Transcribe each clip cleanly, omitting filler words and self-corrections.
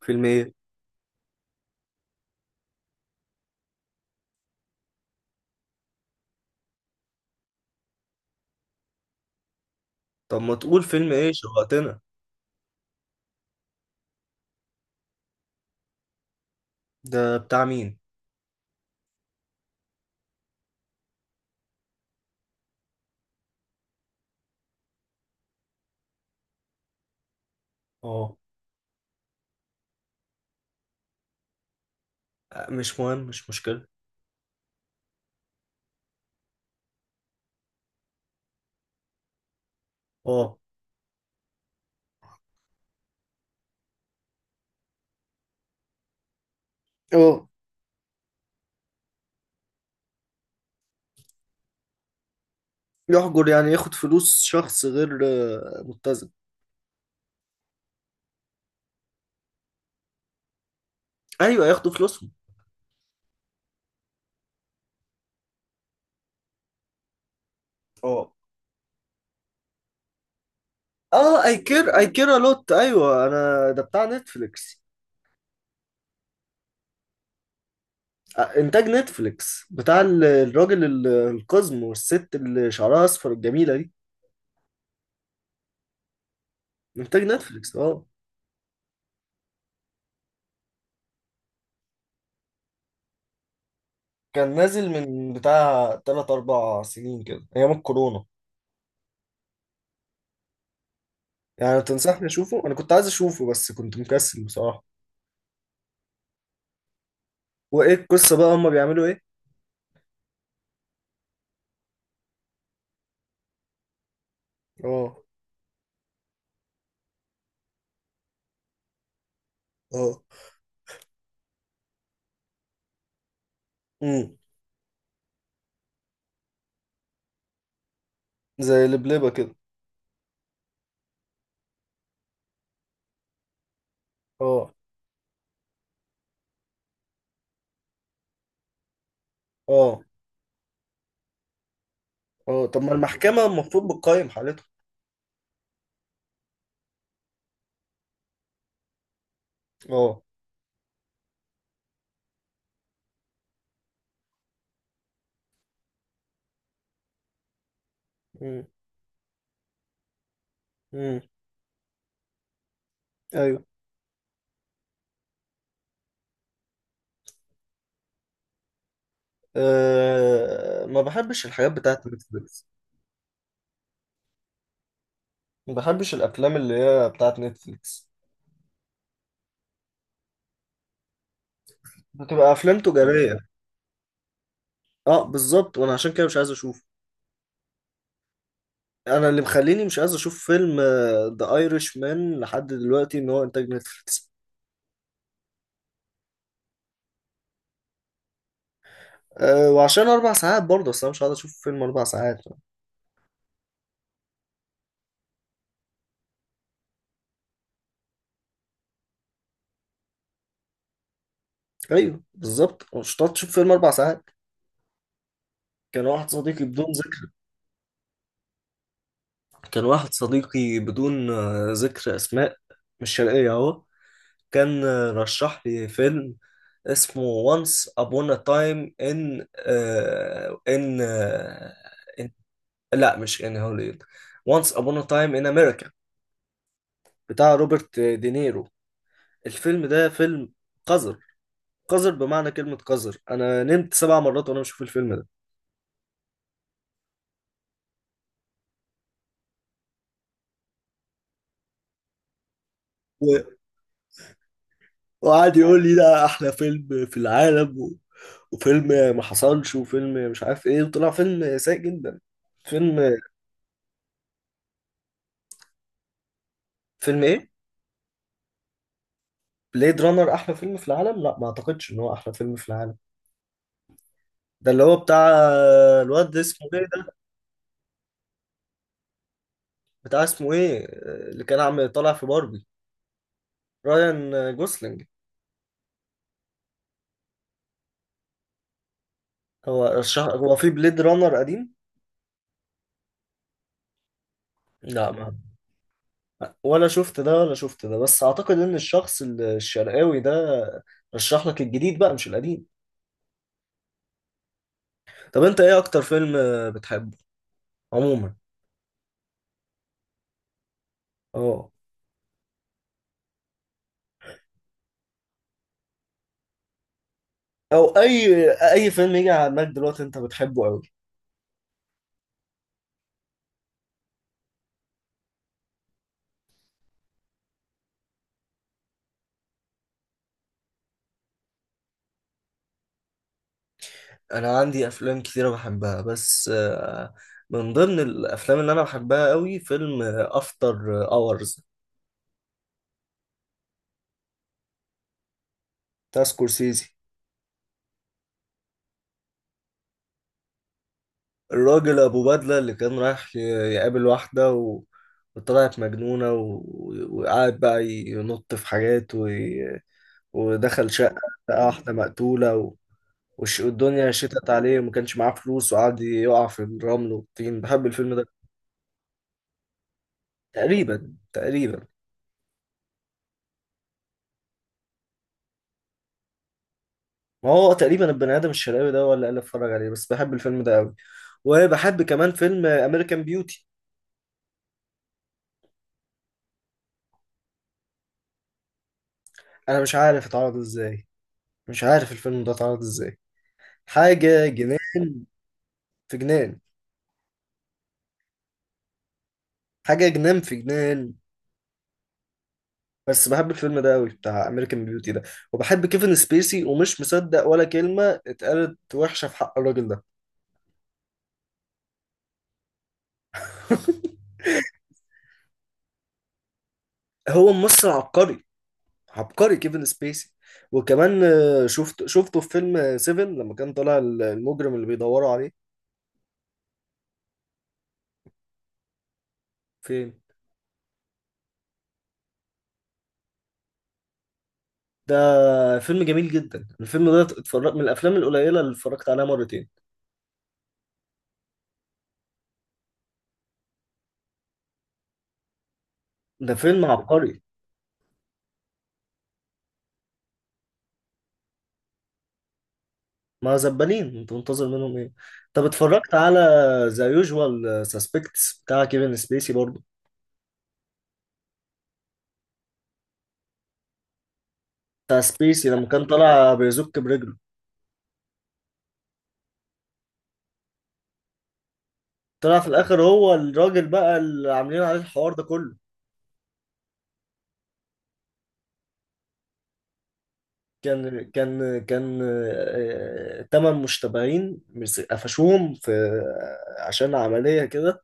فيلم ايه؟ طب ما تقول فيلم ايه، شوقتنا. ده بتاع مين؟ اه، مش مهم، مش مشكلة. اه. اه، يحجر يعني ياخد فلوس شخص غير متزن. ايوه، ياخدوا فلوسهم. اه. اه، اي كير، اي كير الوت. ايوه، انا ده بتاع نتفليكس. انتاج نتفليكس بتاع الراجل القزم والست اللي شعرها اصفر الجميله دي. انتاج نتفليكس اه. كان نازل من بتاع 3 4 سنين كده ايام الكورونا. يعني تنصحني اشوفه؟ انا كنت عايز اشوفه بس كنت مكسل بصراحة. وايه القصة بقى، هما بيعملوا ايه؟ اه. اه. امم. زي لبلبة كده. اه. اه. اه، طب ما المحكمة المفروض بتقيم حالته. اه. امم. امم. ايوه. أه، ما بحبش الحاجات بتاعت نتفليكس. ما بحبش الافلام اللي هي بتاعت نتفليكس. بتبقى افلام تجارية. اه، بالظبط، وانا عشان كده مش عايز اشوفه. انا اللي مخليني مش عايز اشوف فيلم ذا ايرش مان لحد دلوقتي ان هو انتاج نتفليكس. أه، وعشان 4 ساعات برضه، اصل انا مش هقعد اشوف فيلم 4 ساعات. ايوه، بالظبط، مش هتقعد تشوف فيلم 4 ساعات. كان واحد صديقي بدون ذكر. كان واحد صديقي بدون ذكر اسماء. مش شرقيه اهو. كان رشح لي فيلم اسمه Once Upon a Time in in. لا مش in هوليوود. Once Upon a Time in America بتاع روبرت دينيرو. الفيلم ده فيلم قذر. قذر بمعنى كلمة قذر، أنا نمت 7 مرات وأنا بشوف الفيلم ده. و- وقعد يقول لي ده احلى فيلم في العالم وفيلم ما حصلش، وفيلم مش عارف ايه، وطلع فيلم سيء جدا. فيلم. فيلم إيه؟ بليد رانر أحلى فيلم في العالم؟ لا، ما أعتقدش إن هو أحلى فيلم في العالم. ده اللي هو بتاع الواد ده اسمه إيه ده؟ بتاع اسمه إيه؟ اللي كان عم طالع في باربي، رايان جوسلينج. هو الشهر، هو في بليد رانر قديم؟ لا. ما ولا شفت ده ولا شفت ده، بس اعتقد ان الشخص الشرقاوي ده رشح لك الجديد بقى مش القديم. طب انت ايه اكتر فيلم بتحبه عموما؟ اه، او اي فيلم يجي على دماغك دلوقتي انت بتحبه قوي. انا عندي افلام كتيره بحبها، بس من ضمن الافلام اللي انا بحبها قوي فيلم افتر اورز بتاع سكورسيزي. الراجل ابو بدله اللي كان رايح يقابل واحده وطلعت مجنونه وقعد بقى ينط في حاجات ودخل شقه، لقى واحده مقتوله والدنيا شتت عليه وما كانش معاه فلوس وقعد يقع في الرمل والطين. بحب الفيلم ده. تقريبا تقريبا. ما هو تقريبا البني ادم الشرقاوي ده ولا اللي اتفرج عليه، بس بحب الفيلم ده قوي. وبحب كمان فيلم امريكان بيوتي. انا مش عارف اتعرض ازاي. مش عارف الفيلم ده اتعرض ازاي. حاجه جنان، في جنان. حاجة جنان، في جنان. بس بحب الفيلم ده قوي، بتاع امريكان بيوتي ده. وبحب كيفن سبيسي، ومش مصدق ولا كلمة اتقالت وحشة في حق الراجل ده. هو ممثل عبقري. عبقري كيفن سبيسي. وكمان شفته في فيلم سيفن لما كان طالع المجرم اللي بيدوروا عليه. فين؟ ده فيلم جميل جدا. الفيلم ده اتفرجت، من الافلام القليله اللي اتفرجت عليها مرتين. ده فيلم عبقري. ما زبالين، انت منتظر منهم ايه. طب اتفرجت بالظبط على ذا يوجوال سسبكتس بتاع كيفن سبيسي برضه؟ بتاع سبيسي لما كان طالع بيزك برجله. طلع في الاخر هو الراجل بقى اللي عاملين عليه الحوار ده كله. كان 8 مشتبهين قفشوهم في عشان عملية كده.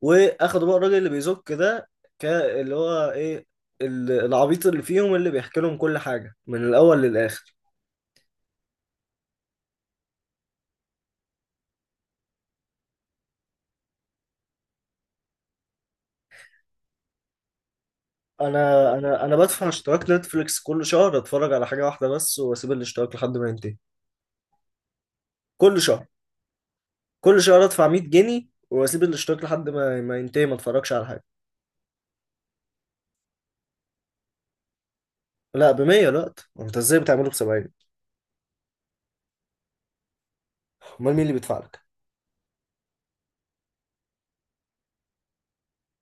واخدوا بقى الراجل اللي بيزك ده، اللي هو ايه، العبيط اللي فيهم اللي بيحكي لهم كل حاجة من الاول للاخر. انا بدفع اشتراك نتفليكس كل شهر، اتفرج على حاجه واحده بس واسيب الاشتراك لحد ما ينتهي. كل شهر. كل شهر ادفع 100 جنيه واسيب الاشتراك لحد ما ينتهي، ما اتفرجش على حاجه. لا، ب 100، لا. انت ازاي بتعمله ب 70؟ امال مين اللي بيدفع لك؟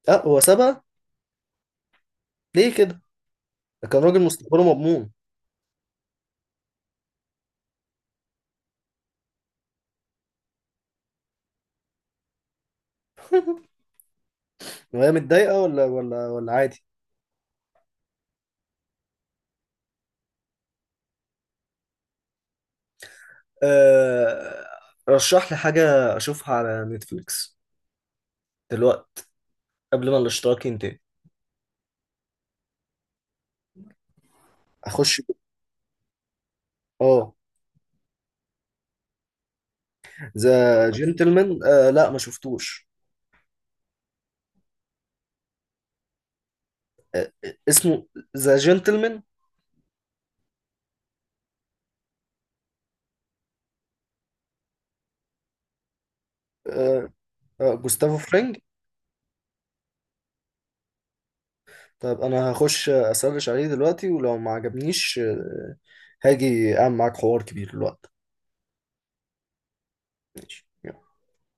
اه، هو 7. ليه كده، ده كان راجل مستقبله مضمون. وهي متضايقه ولا عادي؟ أه... رشح لي حاجه اشوفها على نتفليكس دلوقتي قبل ما الاشتراك ينتهي. اخش. اه، ذا جنتلمان، آه لا، ما شفتوش. اسمه ذا جنتلمان؟ جوستافو فرينج. طيب انا هخش اسرش عليه دلوقتي، ولو ما عجبنيش هاجي اعمل معاك حوار كبير الوقت. ماشي.